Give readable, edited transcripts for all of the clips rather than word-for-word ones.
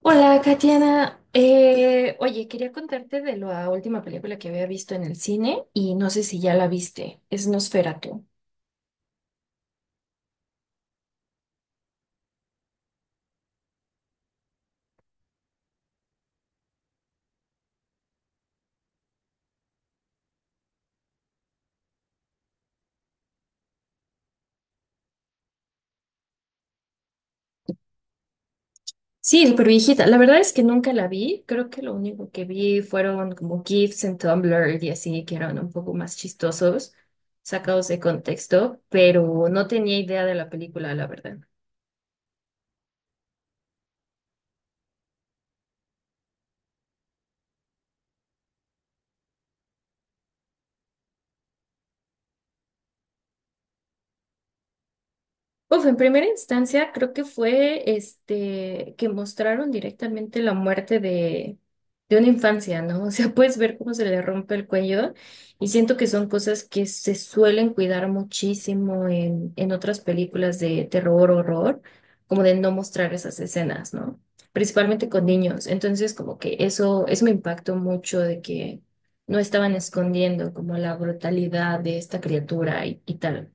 Hola, Katiana. Oye, quería contarte de la última película que había visto en el cine y no sé si ya la viste. Es Nosferatu. Sí, súper viejita. La verdad es que nunca la vi. Creo que lo único que vi fueron como GIFs en Tumblr y así, que eran un poco más chistosos, sacados de contexto, pero no tenía idea de la película, la verdad. Uf, en primera instancia creo que fue este que mostraron directamente la muerte de una infancia, ¿no? O sea, puedes ver cómo se le rompe el cuello y siento que son cosas que se suelen cuidar muchísimo en otras películas de terror, horror, como de no mostrar esas escenas, ¿no? Principalmente con niños. Entonces, como que eso me impactó mucho de que no estaban escondiendo como la brutalidad de esta criatura y tal.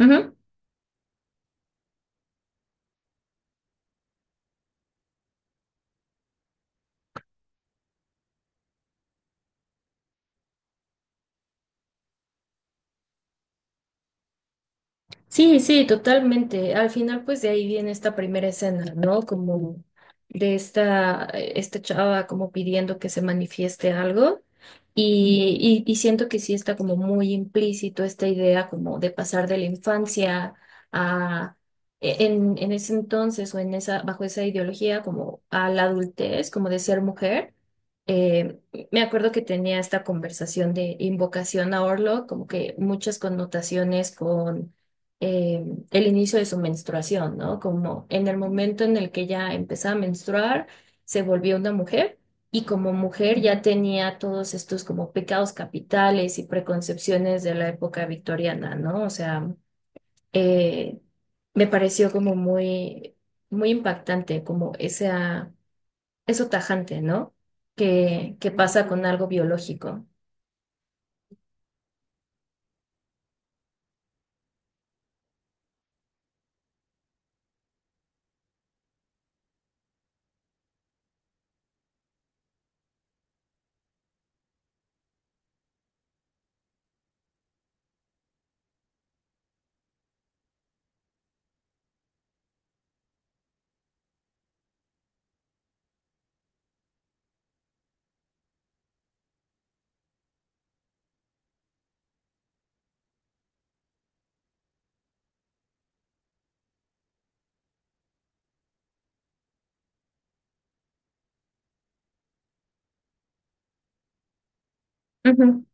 Ujú. Sí, totalmente. Al final, pues de ahí viene esta primera escena, ¿no? Como de esta, esta chava como pidiendo que se manifieste algo. Y siento que sí está como muy implícito esta idea como de pasar de la infancia a, en ese entonces o en esa, bajo esa ideología como a la adultez, como de ser mujer. Eh, me acuerdo que tenía esta conversación de invocación a Orlo, como que muchas connotaciones con eh, el inicio de su menstruación, ¿no? Como en el momento en el que ella empezó a menstruar, se volvió una mujer y como mujer ya tenía todos estos como pecados capitales y preconcepciones de la época victoriana, ¿no? O sea, eh, me pareció como muy impactante, como esa, eso tajante, ¿no? Que pasa con algo biológico. Ujú,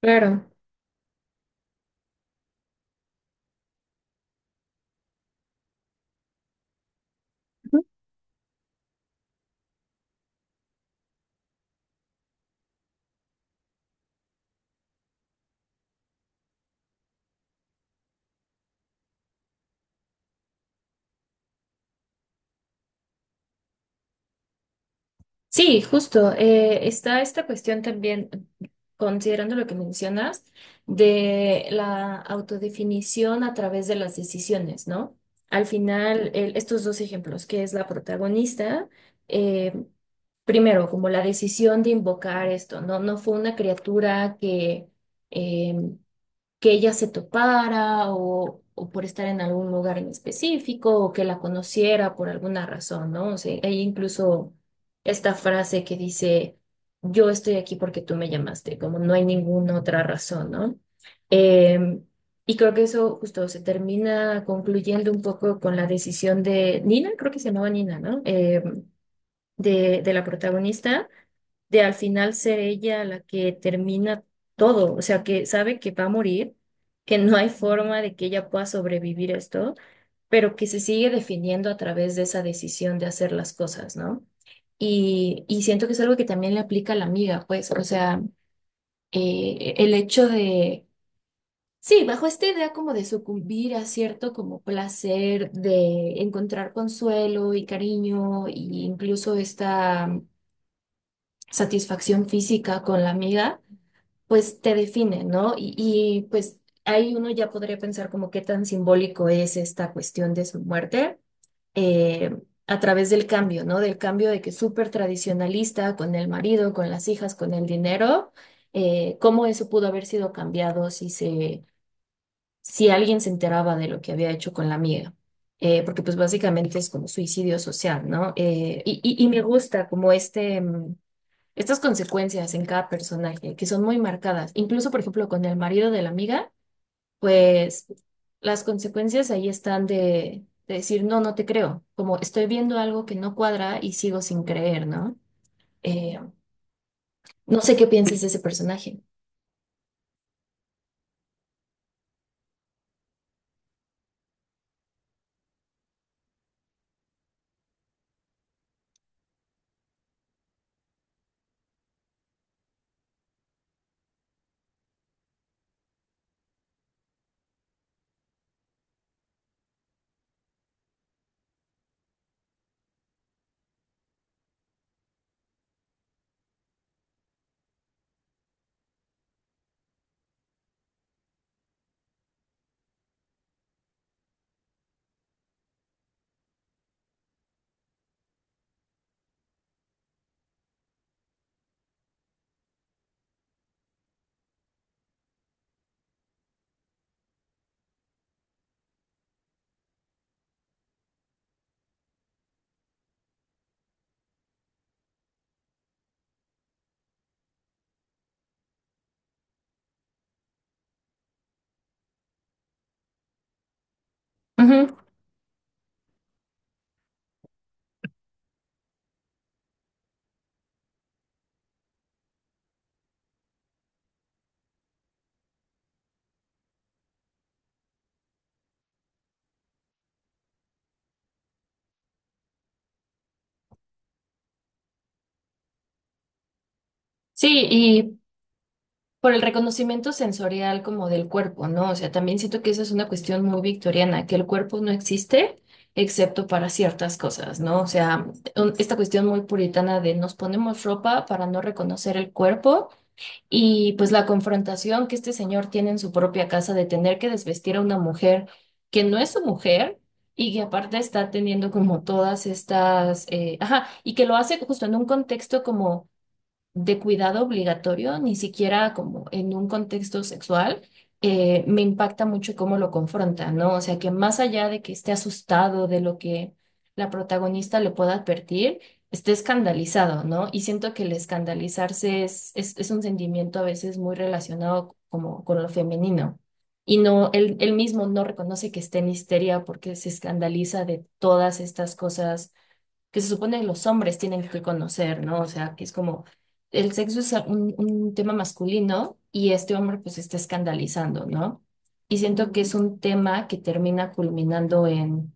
claro. Sí, justo. Está esta cuestión también, considerando lo que mencionas, de la autodefinición a través de las decisiones, ¿no? Al final, estos dos ejemplos, que es la protagonista, eh, primero, como la decisión de invocar esto, ¿no? No fue una criatura eh, que ella se topara o por estar en algún lugar en específico o que la conociera por alguna razón, ¿no? O sea, hay incluso esta frase que dice, yo estoy aquí porque tú me llamaste, como no hay ninguna otra razón, ¿no? Em, y creo que eso justo se termina concluyendo un poco con la decisión de Nina, creo que se llamaba Nina, ¿no? De la protagonista, de al final ser ella la que termina todo, o sea, que sabe que va a morir, que no hay forma de que ella pueda sobrevivir a esto, pero que se sigue definiendo a través de esa decisión de hacer las cosas, ¿no? Y siento que es algo que también le aplica a la amiga, pues, o sea, el hecho de... Sí, bajo esta idea como de sucumbir a cierto como placer, de encontrar consuelo y cariño, e incluso esta satisfacción física con la amiga, pues te define, ¿no? Pues ahí uno ya podría pensar como qué tan simbólico es esta cuestión de su muerte eh, a través del cambio, ¿no? Del cambio de que súper tradicionalista con el marido, con las hijas, con el dinero, cómo eso pudo haber sido cambiado si si alguien se enteraba de lo que había hecho con la amiga. Porque pues básicamente es como suicidio social, ¿no? Y me gusta como este, estas consecuencias en cada personaje, que son muy marcadas. Incluso, por ejemplo, con el marido de la amiga, pues las consecuencias ahí están de decir, no, no te creo, como estoy viendo algo que no cuadra y sigo sin creer, ¿no? Eh, no sé qué pienses de ese personaje. Ujú. Sí, y por el reconocimiento sensorial como del cuerpo, ¿no? O sea, también siento que esa es una cuestión muy victoriana, que el cuerpo no existe excepto para ciertas cosas, ¿no? O sea, esta cuestión muy puritana de nos ponemos ropa para no reconocer el cuerpo y pues la confrontación que este señor tiene en su propia casa de tener que desvestir a una mujer que no es su mujer y que aparte está teniendo como todas estas, ajá, y que lo hace justo en un contexto como de cuidado obligatorio, ni siquiera como en un contexto sexual, me impacta mucho cómo lo confronta, ¿no? O sea, que más allá de que esté asustado de lo que la protagonista le pueda advertir, esté escandalizado, ¿no? Y siento que el escandalizarse es un sentimiento a veces muy relacionado como con lo femenino. Y no, él mismo no reconoce que esté en histeria porque se escandaliza de todas estas cosas que se supone que los hombres tienen que conocer, ¿no? O sea, que es como el sexo es un tema masculino y este hombre pues está escandalizando, ¿no? Y siento que es un tema que termina culminando en,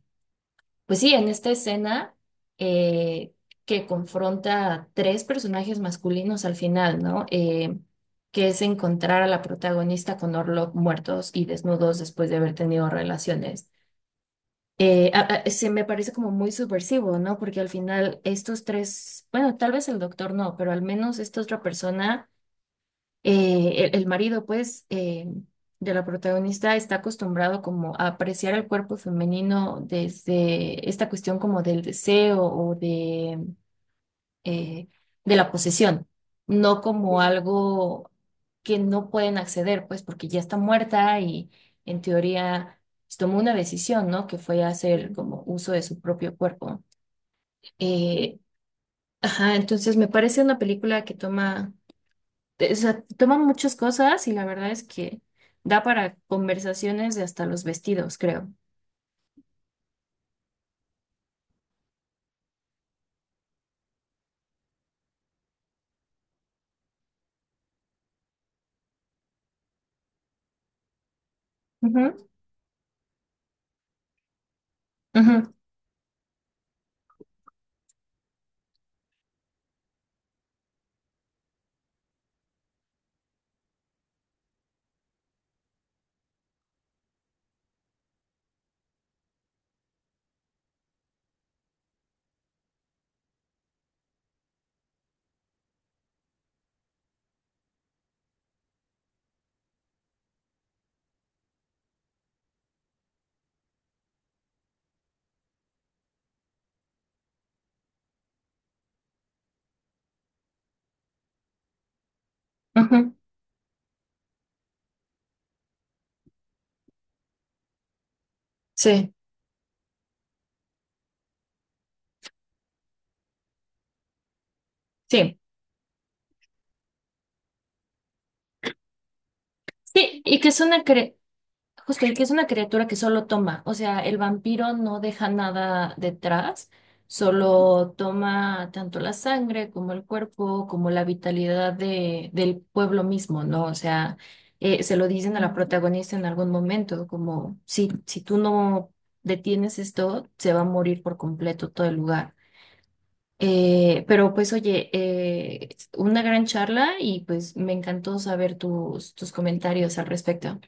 pues sí, en esta escena eh, que confronta a tres personajes masculinos al final, ¿no? Que es encontrar a la protagonista con Orlok muertos y desnudos después de haber tenido relaciones eh, a- Se me parece como muy subversivo, ¿no? Porque al final estos tres, bueno, tal vez el doctor no, pero al menos esta otra persona, el marido, pues, de la protagonista está acostumbrado como a apreciar el cuerpo femenino desde esta cuestión como del deseo o eh, de la posesión, no como algo que no pueden acceder, pues porque ya está muerta y en teoría pues, tomó una decisión, ¿no? Que fue hacer como uso de su propio cuerpo. Eh, ajá, entonces me parece una película que toma, o sea, toma muchas cosas y la verdad es que da para conversaciones de hasta los vestidos, creo. Ujú, ujú, Ujú. Sí, sí. Sí, y que es una, cre- Justo, y que es una criatura que solo toma, o sea, el vampiro no deja nada detrás, solo toma tanto la sangre como el cuerpo, como la vitalidad de, del pueblo mismo, ¿no? O sea, se lo dicen a la protagonista en algún momento, como si, si tú no detienes esto, se va a morir por completo todo el lugar. Pero pues oye, una gran charla y pues me encantó saber tus comentarios al respecto.